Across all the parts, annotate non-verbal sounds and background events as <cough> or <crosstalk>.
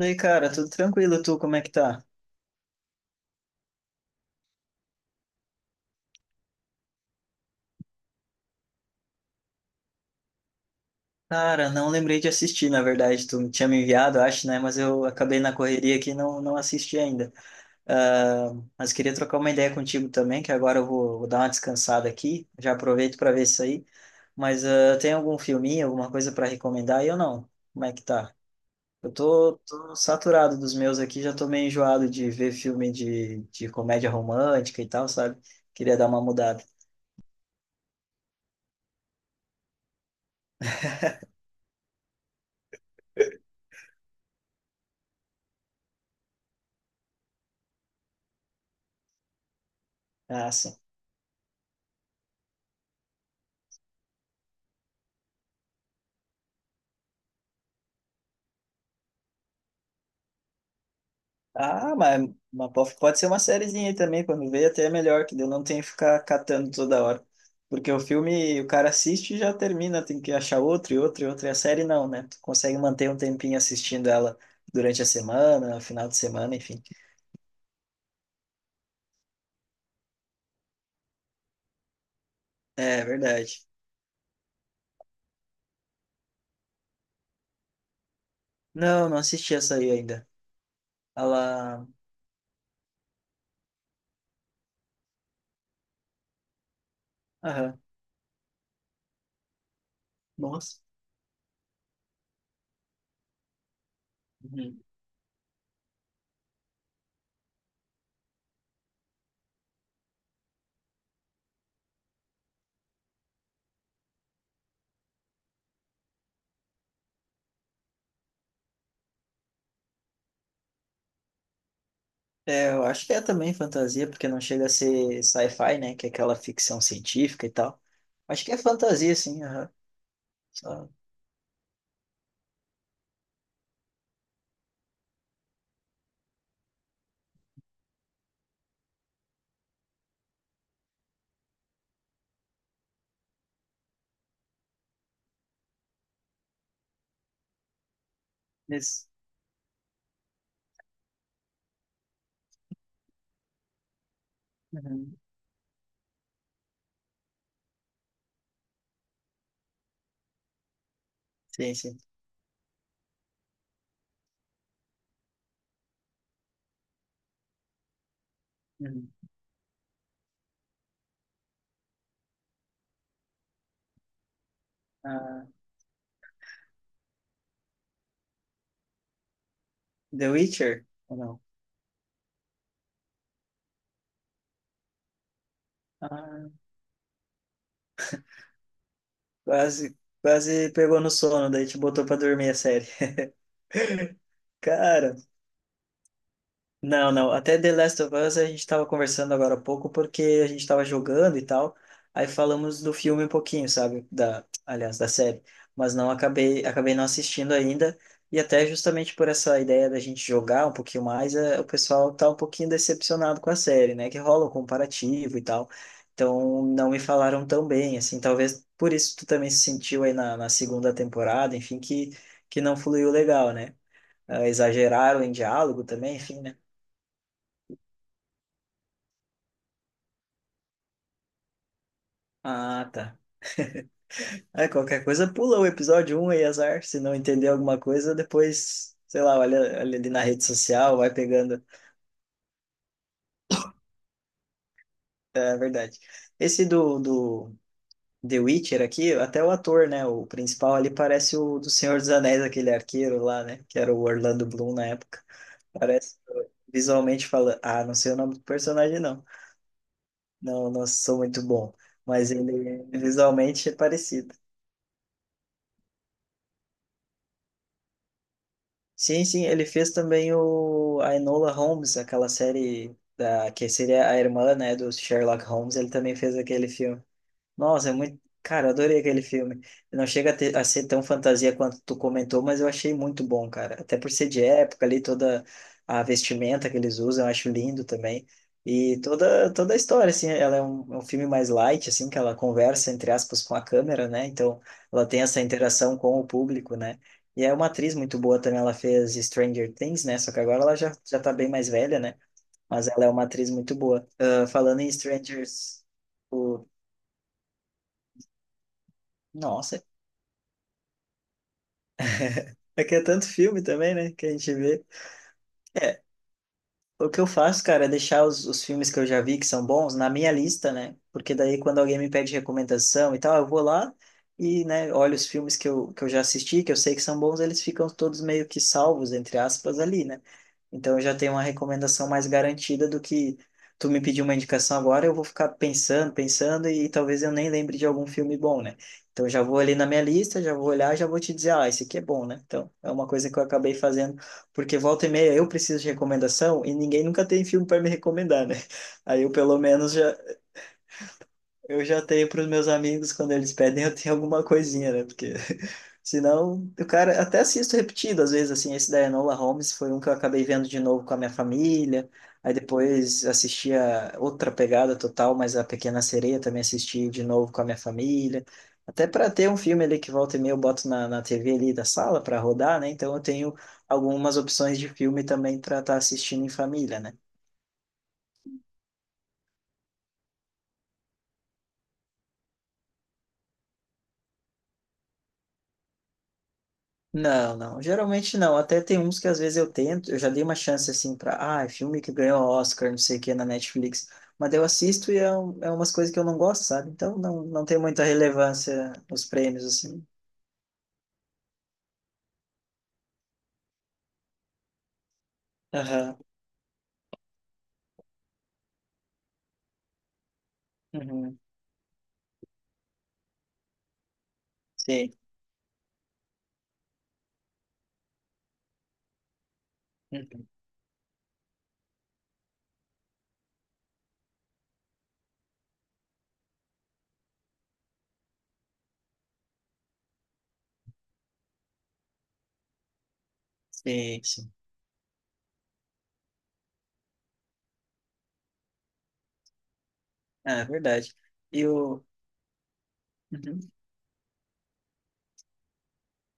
E aí, cara, tudo tranquilo? Tu, como é que tá? Cara, não lembrei de assistir, na verdade. Tu tinha me enviado, acho, né? Mas eu acabei na correria aqui e não assisti ainda. Ah, mas queria trocar uma ideia contigo também, que agora eu vou dar uma descansada aqui. Já aproveito para ver isso aí. Mas tem algum filminho, alguma coisa para recomendar aí ou não? Como é que tá? Eu tô saturado dos meus aqui, já tô meio enjoado de ver filme de comédia romântica e tal, sabe? Queria dar uma mudada. Ah, sim. Ah, pode ser uma sériezinha aí também, quando vê até é melhor, que daí eu não tenho que ficar catando toda hora. Porque o filme, o cara assiste e já termina, tem que achar outro e outro e outro, e a série não, né? Tu consegue manter um tempinho assistindo ela durante a semana, final de semana, enfim. É, verdade. Não assisti essa aí ainda. Ela... Aham. Nossa. Uhum. É, eu acho que é também fantasia, porque não chega a ser sci-fi, né? Que é aquela ficção científica e tal. Acho que é fantasia, sim, aham. Só nesse- Uhum. Sim, sim. Uhum. Ah, The Witcher? Ou não? Ah, quase, quase pegou no sono, daí te botou pra dormir a série. Cara, não. Até The Last of Us a gente estava conversando agora há pouco porque a gente estava jogando e tal. Aí falamos do filme um pouquinho, sabe? Da, aliás, da série. Mas não acabei não assistindo ainda. E até justamente por essa ideia da gente jogar um pouquinho mais, o pessoal tá um pouquinho decepcionado com a série, né? Que rola o comparativo e tal. Então não me falaram tão bem, assim. Talvez por isso tu também se sentiu aí na segunda temporada, enfim, que não fluiu legal, né? Ah, exageraram em diálogo também, enfim, né? Ah, tá. É, qualquer coisa, pula o episódio um aí, azar. Se não entender alguma coisa, depois, sei lá, olha, olha ali na rede social, vai pegando. É verdade. Esse do The Witcher aqui, até o ator, né? O principal ali parece o do Senhor dos Anéis, aquele arqueiro lá, né? Que era o Orlando Bloom na época. Parece, visualmente falando. Ah, não sei o nome do personagem, não. Não sou muito bom. Mas ele visualmente é parecido. Sim, sim, ele fez também o, a Enola Holmes, aquela série da, que seria a irmã, né, do Sherlock Holmes, ele também fez aquele filme. Nossa, é muito. Cara, eu adorei aquele filme. Não chega a ser tão fantasia quanto tu comentou, mas eu achei muito bom, cara. Até por ser de época ali, toda a vestimenta que eles usam, eu acho lindo também. E toda a história, assim, ela é é um filme mais light, assim, que ela conversa, entre aspas, com a câmera, né? Então, ela tem essa interação com o público, né? E é uma atriz muito boa também, ela fez Stranger Things, né? Só que agora ela já tá bem mais velha, né? Mas ela é uma atriz muito boa. Ah, falando em Strangers, o... Nossa, é que é tanto filme também, né? Que a gente vê. É, o que eu faço, cara, é deixar os filmes que eu já vi que são bons na minha lista, né? Porque daí quando alguém me pede recomendação e tal, eu vou lá e, né, olho os filmes que eu já assisti, que eu sei que são bons, eles ficam todos meio que salvos, entre aspas, ali, né? Então eu já tenho uma recomendação mais garantida do que tu me pedir uma indicação agora, eu vou ficar pensando e talvez eu nem lembre de algum filme bom, né? Então eu já vou ali na minha lista, já vou olhar, já vou te dizer, ah, esse aqui é bom, né? Então é uma coisa que eu acabei fazendo, porque volta e meia eu preciso de recomendação e ninguém nunca tem filme para me recomendar, né? Aí eu pelo menos já eu já tenho para os meus amigos, quando eles pedem, eu tenho alguma coisinha, né? Porque <laughs> senão, o cara até assisto repetido, às vezes, assim, esse da Enola Holmes foi um que eu acabei vendo de novo com a minha família. Aí depois assisti a outra pegada total, mas a Pequena Sereia também assisti de novo com a minha família. Até para ter um filme ali que volta e meia eu boto na TV ali da sala para rodar, né? Então eu tenho algumas opções de filme também para estar assistindo em família, né? Não. Geralmente não. Até tem uns que às vezes eu tento, eu já dei uma chance assim pra, ah, é filme que ganhou Oscar, não sei o que, na Netflix. Mas daí eu assisto é umas coisas que eu não gosto, sabe? Então não tem muita relevância os prêmios, assim. Aham. Uhum. Sim. Uhum. Sim, sim. Ah, é verdade. E o. Uhum.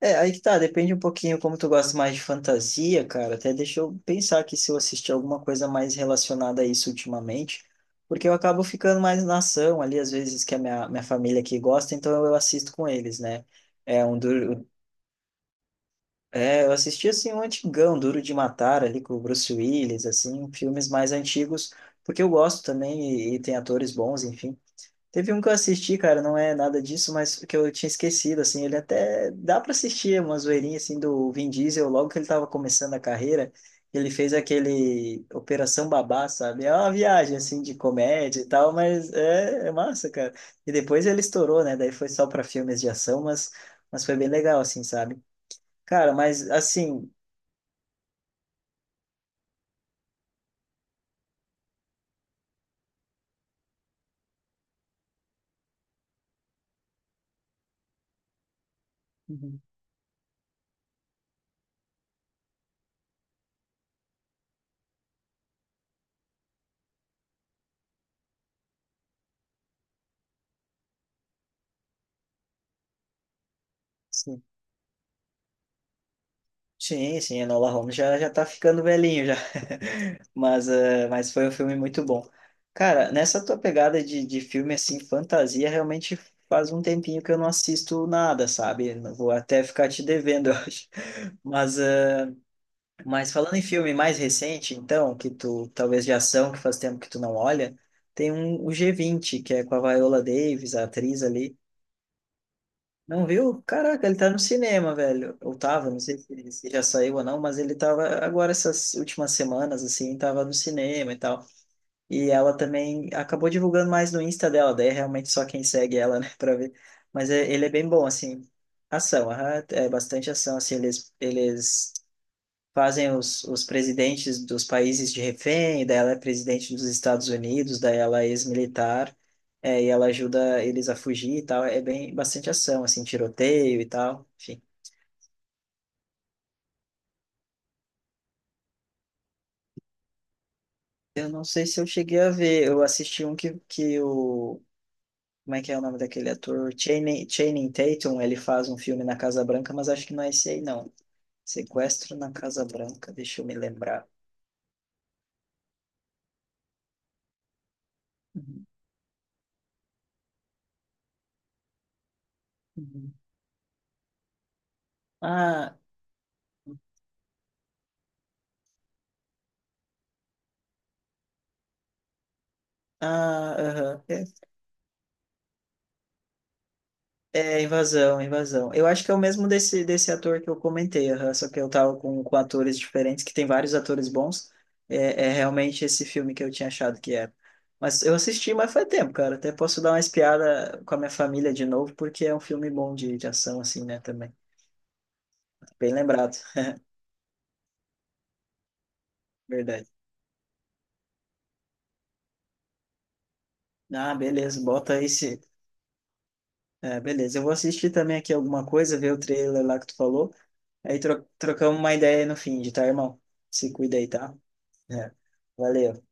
É, aí que tá, depende um pouquinho como tu gosta mais de fantasia, cara. Até deixa eu pensar aqui se eu assisti alguma coisa mais relacionada a isso ultimamente, porque eu acabo ficando mais na ação ali, às vezes que a minha família aqui gosta, então eu assisto com eles, né? É um duro. É, eu assisti assim um antigão, Duro de Matar ali com o Bruce Willis, assim, filmes mais antigos, porque eu gosto também e tem atores bons, enfim. Teve um que eu assisti, cara, não é nada disso, mas que eu tinha esquecido, assim, ele até dá para assistir uma zoeirinha, assim, do Vin Diesel, logo que ele tava começando a carreira, ele fez aquele Operação Babá, sabe? É uma viagem, assim, de comédia e tal, mas é massa, cara. E depois ele estourou, né? Daí foi só para filmes de ação, mas foi bem legal, assim, sabe? Cara, mas, assim, Uhum. Sim. Sim, sim, Enola Holmes já tá ficando velhinho já. <laughs> Mas, mas foi um filme muito bom. Cara, nessa tua pegada de filme assim, fantasia, realmente faz um tempinho que eu não assisto nada, sabe? Vou até ficar te devendo, <laughs> eu acho. Mas, mas falando em filme mais recente, então, que tu talvez de ação, que faz tempo que tu não olha, tem um, o g vinte que é com a Viola Davis, a atriz ali. Não viu? Caraca, ele tá no cinema, velho. Ou tava, não sei se, se já saiu ou não, mas ele tava agora essas últimas semanas, assim, tava no cinema e tal. E ela também acabou divulgando mais no Insta dela, daí é realmente só quem segue ela, né, <laughs> pra ver. Ele é bem bom, assim. Ação, aham, é bastante ação, assim, eles fazem os presidentes dos países de refém, daí ela é presidente dos Estados Unidos, daí ela é ex-militar, é, e ela ajuda eles a fugir e tal. É bem bastante ação, assim, tiroteio e tal. Enfim, eu não sei se eu cheguei a ver. Eu assisti um que o. Como é que é o nome daquele ator? Channing Tatum, ele faz um filme na Casa Branca, mas acho que não é esse aí, não. Sequestro na Casa Branca, deixa eu me lembrar. Uhum, uhum. Ah, ah, aham. É, é, invasão. Eu acho que é o mesmo desse, desse ator que eu comentei, aham, só que eu tava com atores diferentes, que tem vários atores bons. É, é realmente esse filme que eu tinha achado que era. Mas eu assisti, mas faz tempo, cara. Até posso dar uma espiada com a minha família de novo, porque é um filme bom de ação, assim, né, também. Bem lembrado, verdade. Ah, beleza, bota aí se. É, beleza, eu vou assistir também aqui alguma coisa, ver o trailer lá que tu falou. Aí trocamos uma ideia aí no fim de, tá, irmão? Se cuida aí, tá? É. Valeu.